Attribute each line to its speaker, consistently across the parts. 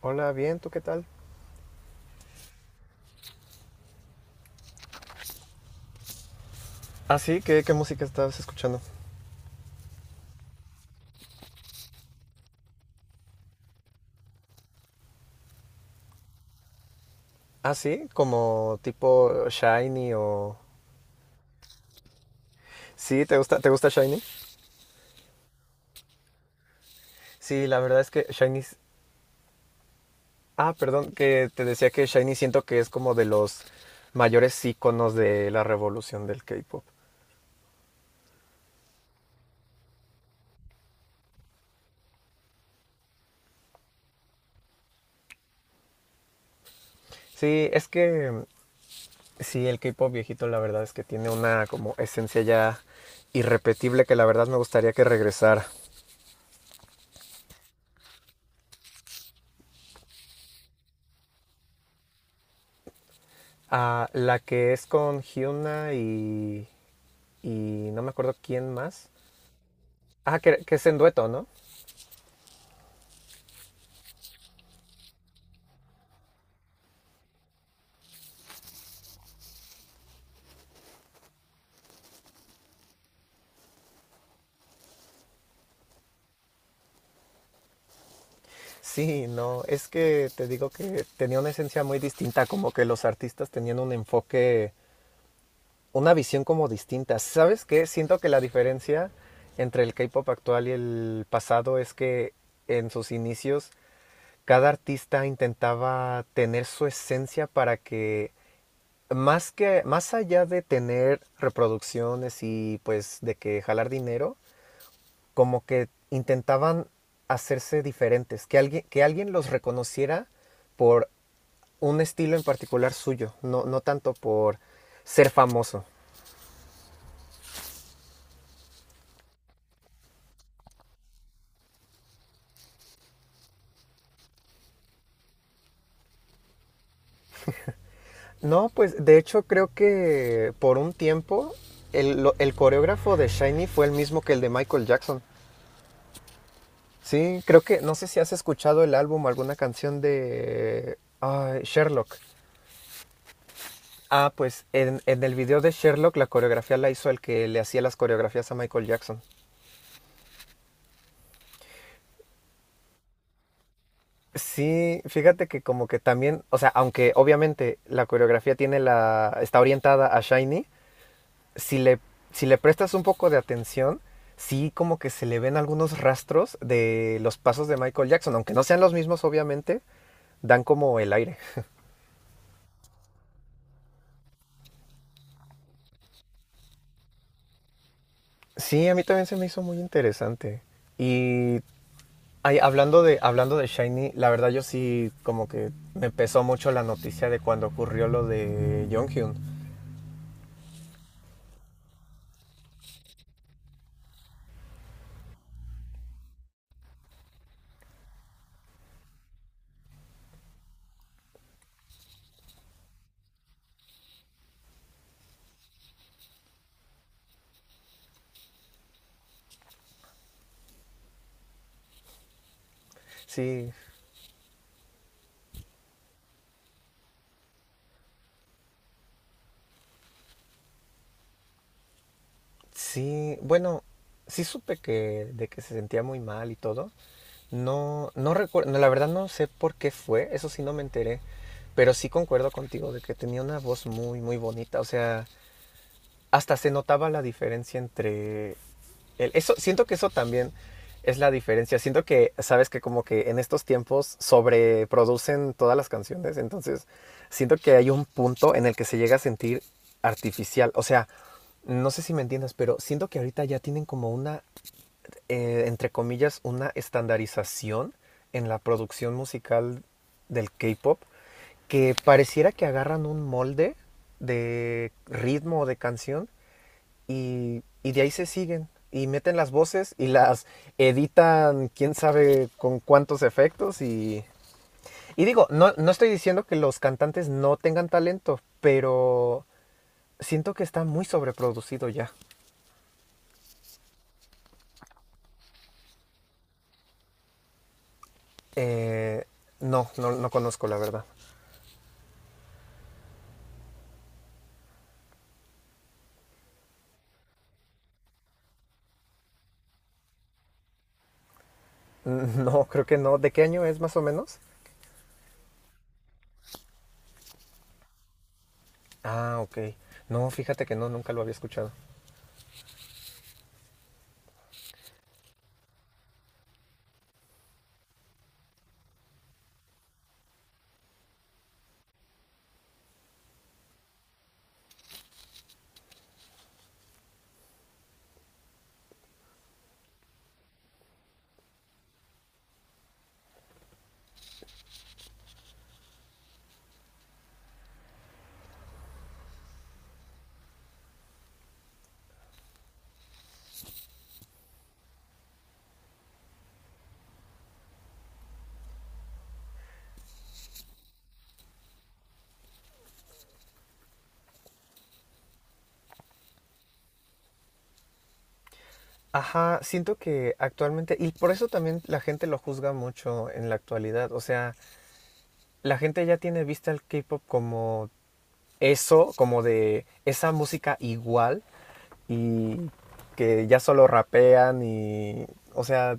Speaker 1: Hola, bien, ¿tú qué tal? Ah, sí, ¿qué música estabas escuchando? Ah, sí, como tipo Shiny o. Sí, ¿te gusta Shiny? Sí, la verdad es que Shiny. Ah, perdón, que te decía que Shiny siento que es como de los mayores íconos de la revolución del K-pop. Sí, es que sí, el K-pop viejito la verdad es que tiene una como esencia ya irrepetible que la verdad me gustaría que regresara. Ah, la que es con Hyuna y no me acuerdo quién más. Ah, que es en dueto, ¿no? Sí, no, es que te digo que tenía una esencia muy distinta, como que los artistas tenían un enfoque, una visión como distinta. ¿Sabes qué? Siento que la diferencia entre el K-pop actual y el pasado es que en sus inicios cada artista intentaba tener su esencia para que más allá de tener reproducciones y pues de que jalar dinero, como que intentaban hacerse diferentes, que alguien los reconociera por un estilo en particular suyo, no, no tanto por ser famoso. No, pues de hecho creo que por un tiempo el coreógrafo de Shiny fue el mismo que el de Michael Jackson. Sí, creo que, no sé si has escuchado el álbum o alguna canción de ay, Sherlock. Ah, pues en el video de Sherlock la coreografía la hizo el que le hacía las coreografías a Michael Jackson. Sí, fíjate que como que también, o sea, aunque obviamente la coreografía tiene la, está orientada a Shiny, si le, si le prestas un poco de atención, sí como que se le ven algunos rastros de los pasos de Michael Jackson, aunque no sean los mismos obviamente, dan como el aire. Sí, a mí también se me hizo muy interesante. Y ay, hablando de Shiny, la verdad yo sí como que me pesó mucho la noticia de cuando ocurrió lo de Jonghyun. Sí, sí, bueno, sí supe que se sentía muy mal y todo. No, no recuerdo, la verdad no sé por qué fue, eso sí no me enteré, pero sí concuerdo contigo de que tenía una voz muy, muy bonita. O sea, hasta se notaba la diferencia entre eso, siento que eso también es la diferencia. Siento que, sabes que como que en estos tiempos sobreproducen todas las canciones, entonces siento que hay un punto en el que se llega a sentir artificial. O sea, no sé si me entiendas, pero siento que ahorita ya tienen como una, entre comillas, una estandarización en la producción musical del K-pop que pareciera que agarran un molde de ritmo o de canción y de ahí se siguen y meten las voces y las editan quién sabe con cuántos efectos y. Y digo, no, no estoy diciendo que los cantantes no tengan talento, pero siento que está muy sobreproducido ya. Eh, no, no, no conozco la verdad. No, creo que no. ¿De qué año es más o menos? Ah, ok. No, fíjate que no, nunca lo había escuchado. Ajá, siento que actualmente, y por eso también la gente lo juzga mucho en la actualidad, o sea, la gente ya tiene vista al K-pop como eso, como de esa música igual, y que ya solo rapean y, o sea,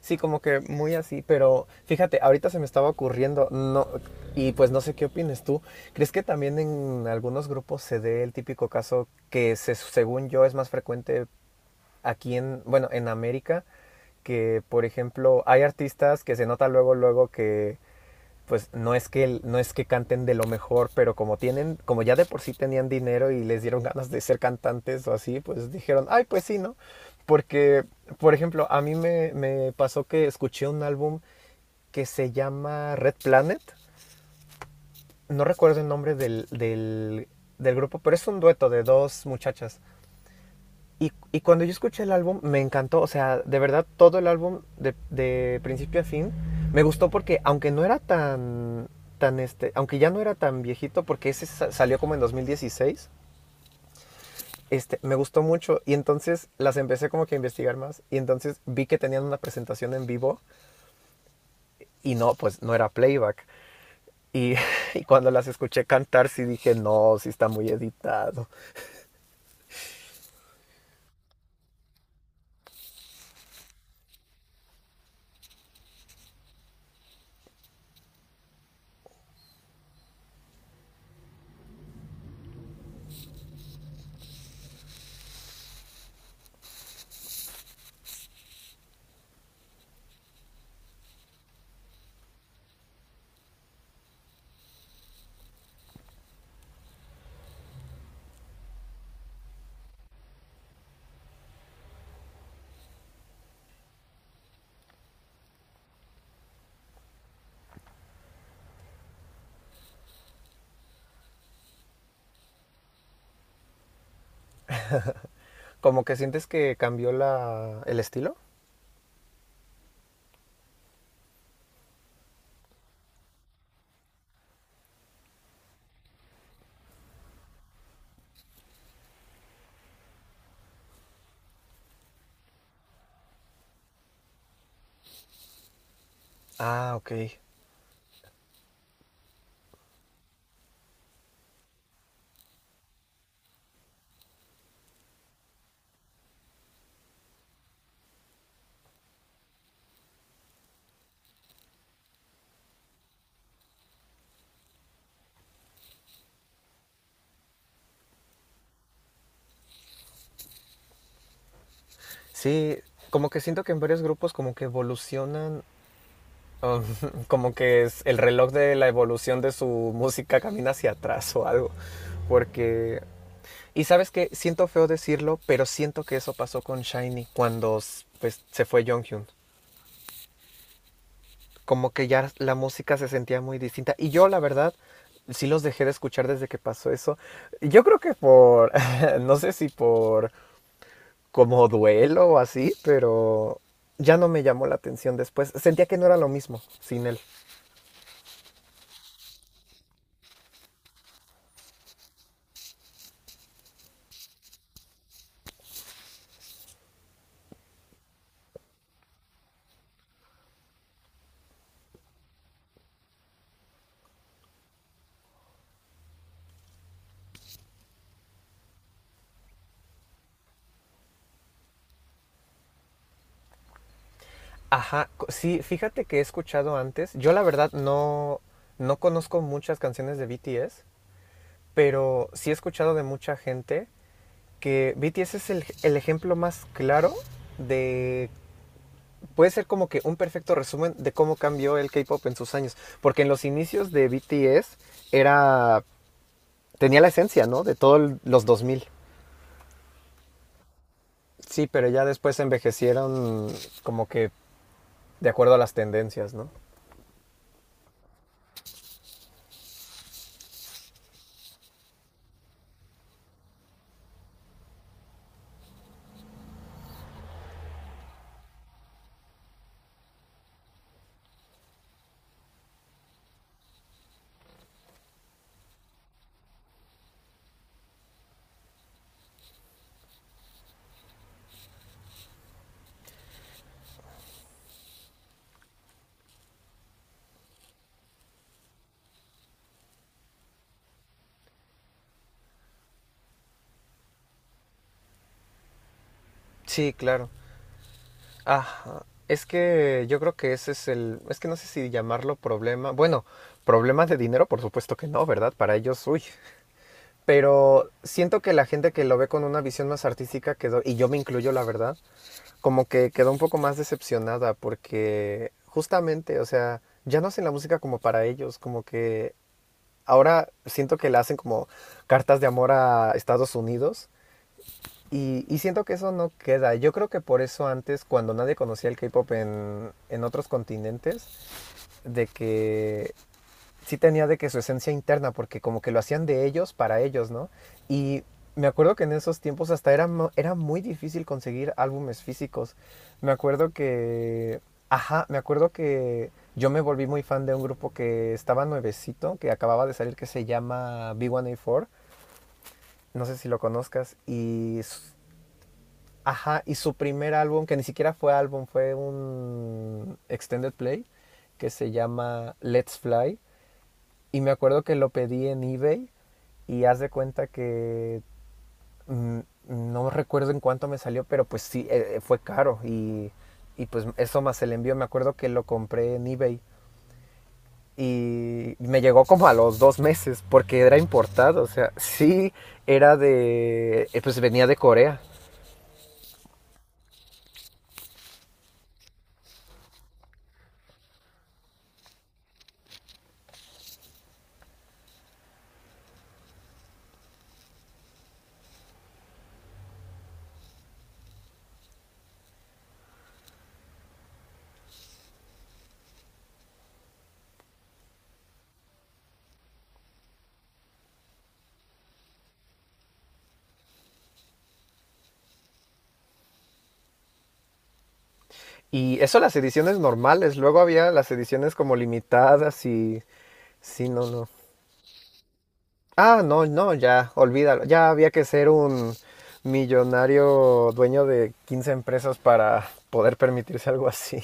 Speaker 1: sí, como que muy así, pero fíjate, ahorita se me estaba ocurriendo, no, y pues no sé qué opines tú, ¿crees que también en algunos grupos se dé el típico caso que según yo es más frecuente aquí en, bueno, en América? Que por ejemplo hay artistas que se nota luego luego que pues no es que canten de lo mejor, pero como tienen, como ya de por sí tenían dinero y les dieron ganas de ser cantantes o así, pues dijeron, ay, pues sí, ¿no? Porque, por ejemplo, a mí me pasó que escuché un álbum que se llama Red Planet. No recuerdo el nombre del grupo, pero es un dueto de dos muchachas. Y cuando yo escuché el álbum, me encantó. O sea, de verdad, todo el álbum, de principio a fin, me gustó porque, aunque no era tan. Este, aunque ya no era tan viejito, porque ese salió como en 2016, este, me gustó mucho. Y entonces las empecé como que a investigar más. Y entonces vi que tenían una presentación en vivo. Y no, pues no era playback. Y, y cuando las escuché cantar, sí dije, no, sí está muy editado. Como que sientes que cambió la, el estilo. Ah, ok. Sí, como que siento que en varios grupos como que evolucionan, um, como que es el reloj de la evolución de su música camina hacia atrás o algo, porque. Y sabes que siento feo decirlo, pero siento que eso pasó con Shiny cuando pues, se fue Jonghyun. Como que ya la música se sentía muy distinta. Y yo, la verdad, sí los dejé de escuchar desde que pasó eso. Yo creo que por, no sé si por como duelo o así, pero ya no me llamó la atención después. Sentía que no era lo mismo sin él. Ajá, sí, fíjate que he escuchado antes. Yo la verdad no, no conozco muchas canciones de BTS, pero sí he escuchado de mucha gente que BTS es el ejemplo más claro de. Puede ser como que un perfecto resumen de cómo cambió el K-Pop en sus años. Porque en los inicios de BTS era. Tenía la esencia, ¿no? De todos los 2000. Sí, pero ya después envejecieron como que de acuerdo a las tendencias, ¿no? Sí, claro. Ajá. Es que yo creo que ese es el, es que no sé si llamarlo problema. Bueno, problemas de dinero, por supuesto que no, ¿verdad? Para ellos, uy. Pero siento que la gente que lo ve con una visión más artística quedó, y yo me incluyo, la verdad, como que quedó un poco más decepcionada porque justamente, o sea, ya no hacen la música como para ellos, como que ahora siento que le hacen como cartas de amor a Estados Unidos y siento que eso no queda. Yo creo que por eso antes, cuando nadie conocía el K-pop en otros continentes, de que sí tenía de que su esencia interna, porque como que lo hacían de ellos para ellos, ¿no? Y me acuerdo que en esos tiempos hasta era muy difícil conseguir álbumes físicos. Me acuerdo que. Ajá, me acuerdo que yo me volví muy fan de un grupo que estaba nuevecito, que acababa de salir, que se llama B1A4. No sé si lo conozcas. Y. Ajá, y su primer álbum, que ni siquiera fue álbum, fue un extended play, que se llama Let's Fly. Y me acuerdo que lo pedí en eBay y haz de cuenta que mm, no recuerdo en cuánto me salió, pero pues sí, fue caro y pues eso más el envío, me acuerdo que lo compré en eBay y me llegó como a los 2 meses porque era importado, o sea, sí era de, pues venía de Corea. Y eso las ediciones normales, luego había las ediciones como limitadas y sí, no, no. Ah, no, no, ya, olvídalo. Ya había que ser un millonario dueño de 15 empresas para poder permitirse algo así.